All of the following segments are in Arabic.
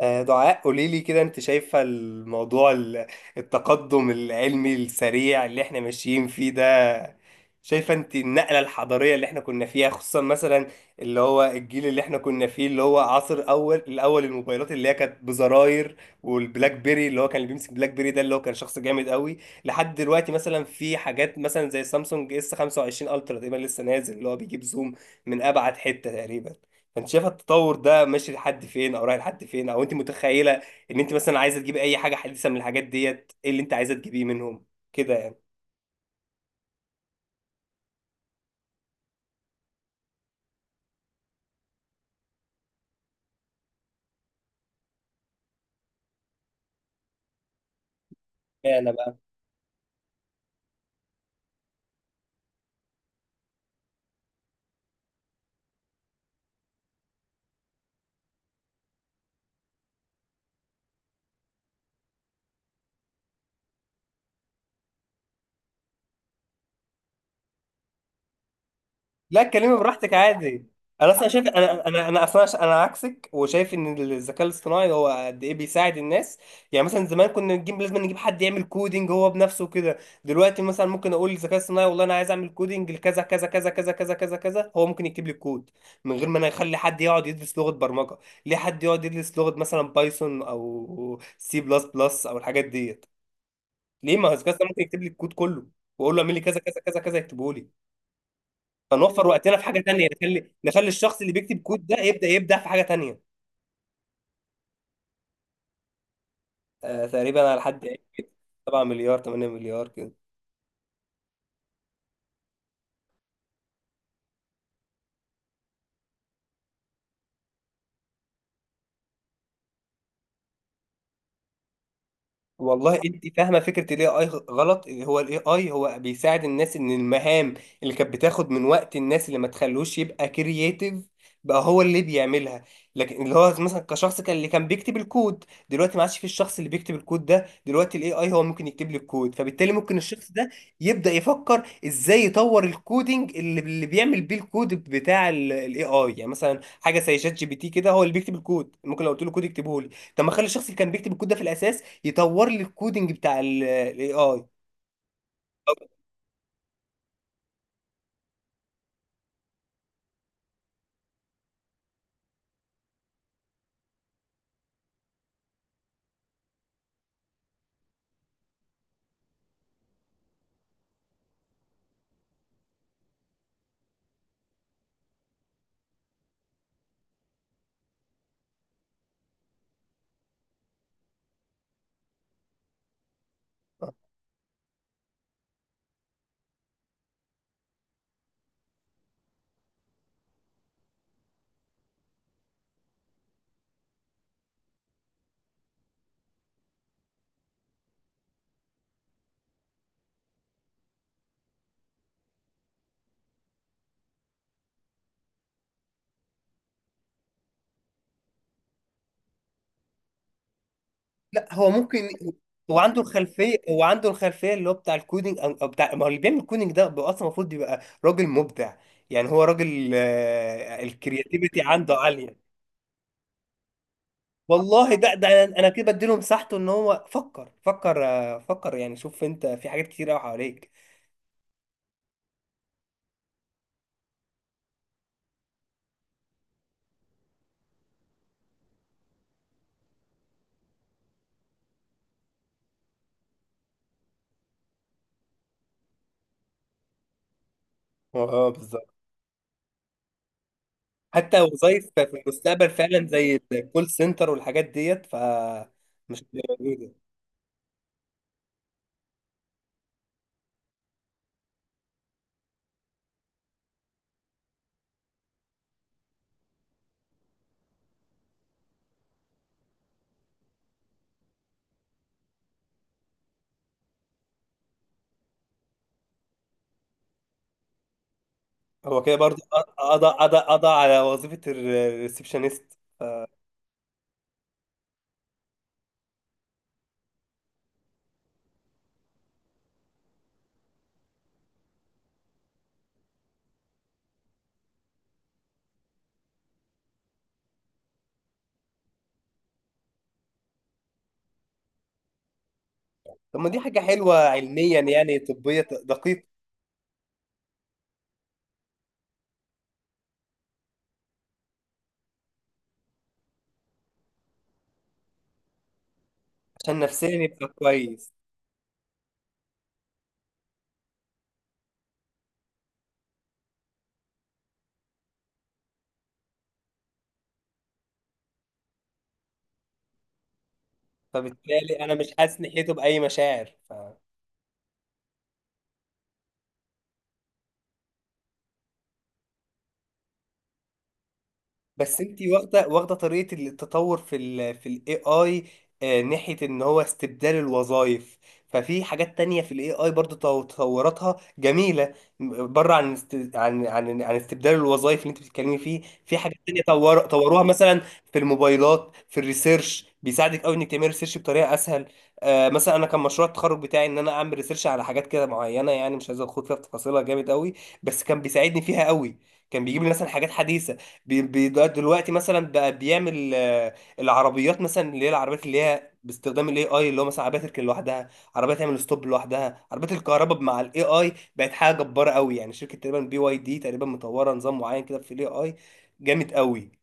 دعاء قولي لي كده، انت شايفة الموضوع التقدم العلمي السريع اللي احنا ماشيين فيه ده؟ شايفة انت النقلة الحضارية اللي احنا كنا فيها؟ خصوصا مثلا اللي هو الجيل اللي احنا كنا فيه، اللي هو عصر الاول الموبايلات اللي هي كانت بزراير، والبلاك بيري اللي هو كان، اللي بيمسك بلاك بيري ده اللي هو كان شخص جامد قوي. لحد دلوقتي مثلا في حاجات مثلا زي سامسونج اس 25 الترا تقريبا لسه نازل، اللي هو بيجيب زوم من ابعد حتة تقريبا. انت شايفه التطور ده ماشي لحد فين، او رايح لحد فين، او انت متخيله ان انت مثلا عايزه تجيبي اي حاجه حديثه من الحاجات ديت، ايه اللي انت عايزه تجيبيه منهم كده يعني؟ اشمعنى بقى؟ لا اتكلمي براحتك عادي. انا اصلا شايف، انا اصلا انا عكسك، وشايف ان الذكاء الاصطناعي هو قد ايه بيساعد الناس. يعني مثلا زمان كنا نجيب، لازم نجيب حد يعمل كودينج هو بنفسه كده. دلوقتي مثلا ممكن اقول للذكاء الاصطناعي والله انا عايز اعمل كودينج لكذا كذا كذا كذا كذا كذا كذا، هو ممكن يكتب لي الكود، من غير ما انا اخلي حد يقعد يدرس لغة برمجة. ليه حد يقعد يدرس لغة مثلا بايثون او سي بلس بلس او الحاجات ديت؟ ليه ما هو الذكاء الاصطناعي ممكن يكتب لي الكود كله، واقول له اعمل لي كذا كذا كذا كذا يكتبه لي. فنوفر وقتنا في حاجه تانية، نخلي الشخص اللي بيكتب كود ده يبدا يبدع في حاجه تانية. آه تقريبا على حد علمي كده. 7 مليار 8 مليار كده. والله انت فاهمه فكره الاي اي غلط. اللي هو الاي اي هو بيساعد الناس ان المهام اللي كانت بتاخد من وقت الناس، اللي ما تخلوش يبقى كرييتيف، بقى هو اللي بيعملها. لكن اللي هو مثلا كشخص كان، اللي كان بيكتب الكود دلوقتي ما عادش، في الشخص اللي بيكتب الكود ده دلوقتي الاي اي هو ممكن يكتب لي الكود، فبالتالي ممكن الشخص ده يبدا يفكر ازاي يطور الكودينج اللي بيعمل بيه الكود بتاع الاي اي. يعني مثلا حاجه زي شات جي بي تي كده هو اللي بيكتب الكود، ممكن لو قلت له كود يكتبه لي. طب ما اخلي الشخص اللي كان بيكتب الكود ده في الاساس يطور لي الكودينج بتاع الاي اي. لا هو ممكن، هو عنده الخلفيه، هو عنده الخلفيه اللي هو بتاع الكودينج او أو بتاع، ما هو اللي بيعمل الكودينج ده بيبقى اصلا المفروض يبقى راجل مبدع. يعني هو راجل الكرياتيفيتي عنده عاليه. والله ده ده، أنا كده بديله مساحته ان هو فكر، فكر، فكر يعني. شوف انت في حاجات كتير قوي حواليك. اه بالظبط. حتى وظايف في المستقبل فعلا زي الكول سنتر والحاجات ديت ف مش هتبقى موجودة. هو كده برضه، قضى على وظيفة الريسبشنست. طب ما دي حاجة حلوة علميا، يعني طبية دقيقة. عشان نفسيا يبقى كويس. فبالتالي أنا مش حاسس ناحيته بأي مشاعر ف... بس انت واخده طريقه التطور في ال في الاي اي ناحيه ان هو استبدال الوظائف. ففي حاجات تانية في الاي اي برضو تطوراتها جميله، بره عن عن استبدال الوظائف اللي انت بتتكلمي فيه. في حاجات تانية طوروها مثلا في الموبايلات، في الريسيرش بيساعدك قوي انك تعملي ريسيرش بطريقه اسهل. آه مثلا انا كان مشروع التخرج بتاعي ان انا اعمل ريسيرش على حاجات كده معينه، يعني مش عايز ادخل فيها في تفاصيلها جامد قوي، بس كان بيساعدني فيها قوي. كان بيجيب لي مثلا حاجات حديثه. دلوقتي مثلا بقى بيعمل العربيات مثلا، اللي هي العربيات اللي هي باستخدام الاي اي اللي هو مثلا عربيه تركن لوحدها، عربيه تعمل ستوب لوحدها، عربيه الكهرباء مع الاي اي بقت حاجه جباره قوي. يعني شركه تقريبا بي واي دي تقريبا مطوره نظام معين كده في الاي اي جامد قوي.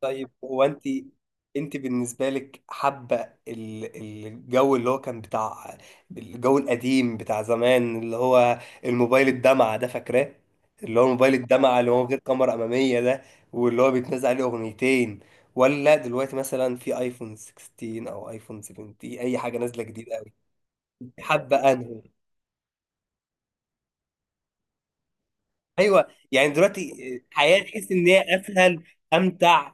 طيب هو انت، انت بالنسبه لك حابه الجو اللي هو كان بتاع، الجو القديم بتاع زمان، اللي هو الموبايل الدمعه ده، فاكراه؟ اللي هو موبايل الدمعه اللي هو غير كاميرا اماميه ده، واللي هو بيتنزل عليه اغنيتين، ولا دلوقتي مثلا في ايفون 16 او ايفون 17 اي حاجه نازله جديده قوي؟ حابه انهي؟ ايوه. يعني دلوقتي الحياه تحس ان هي اسهل، امتع.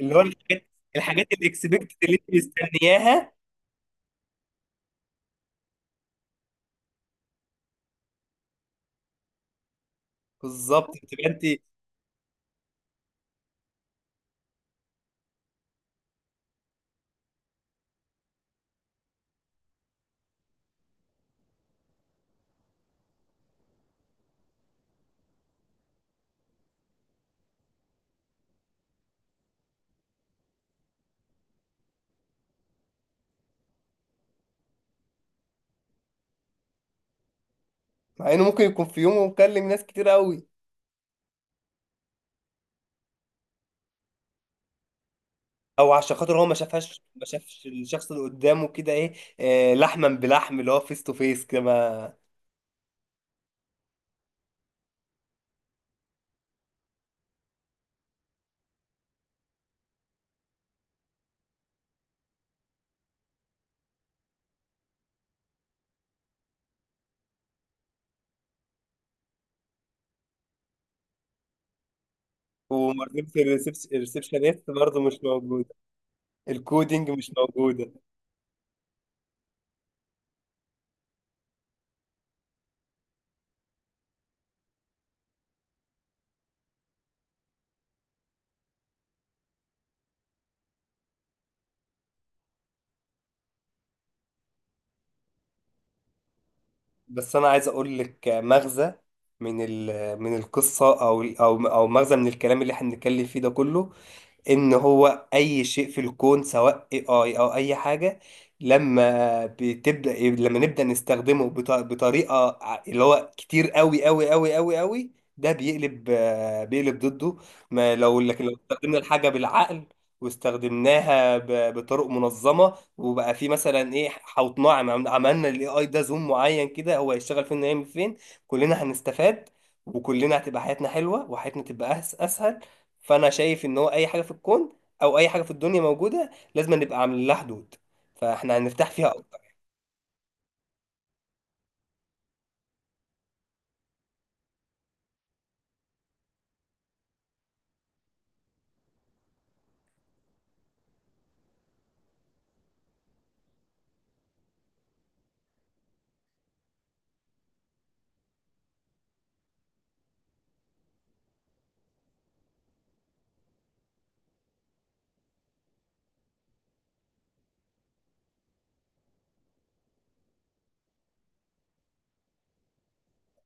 اللي هو الحاجات، الحاجات الاكسبكتد اللي انت مستنياها. بالظبط، بتبقى انت، مع انه ممكن يكون في يومه مكلم ناس كتير قوي، او عشان خاطر هو ما شافهاش، ما شافش الشخص اللي قدامه كده ايه. آه لحما بلحم، اللي هو فيس تو فيس كما. ومرتبه. الريسبشنست برضه مش موجوده، الكودينج مش موجوده. بس انا عايز اقول لك مغزى من ال من القصه، او مغزى من الكلام اللي احنا بنتكلم فيه ده كله، ان هو اي شيء في الكون سواء اي اي او اي حاجه، لما بتبدا لما نبدا نستخدمه بطريقه اللي هو كتير قوي قوي قوي قوي قوي، ده بيقلب، بيقلب ضده. ما لو لكن لو استخدمنا الحاجه بالعقل واستخدمناها بطرق منظمه، وبقى في مثلا ايه، حوطناه، عملنا الاي اي ده زوم معين كده هو هيشتغل فين ويعمل فين، كلنا هنستفاد. وكلنا هتبقى حياتنا حلوه، وحياتنا تبقى اسهل. فانا شايف ان هو اي حاجه في الكون او اي حاجه في الدنيا موجوده لازم نبقى عاملين لها حدود، فاحنا هنرتاح فيها اكتر.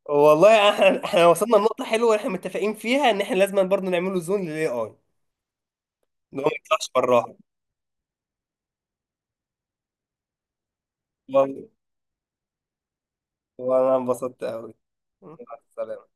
والله احنا وصلنا لنقطه حلوه احنا متفقين فيها، ان احنا لازم برضه نعمله زون للاي اي، ان هو ما يطلعش براها. والله وانا انبسطت قوي. مع السلامه.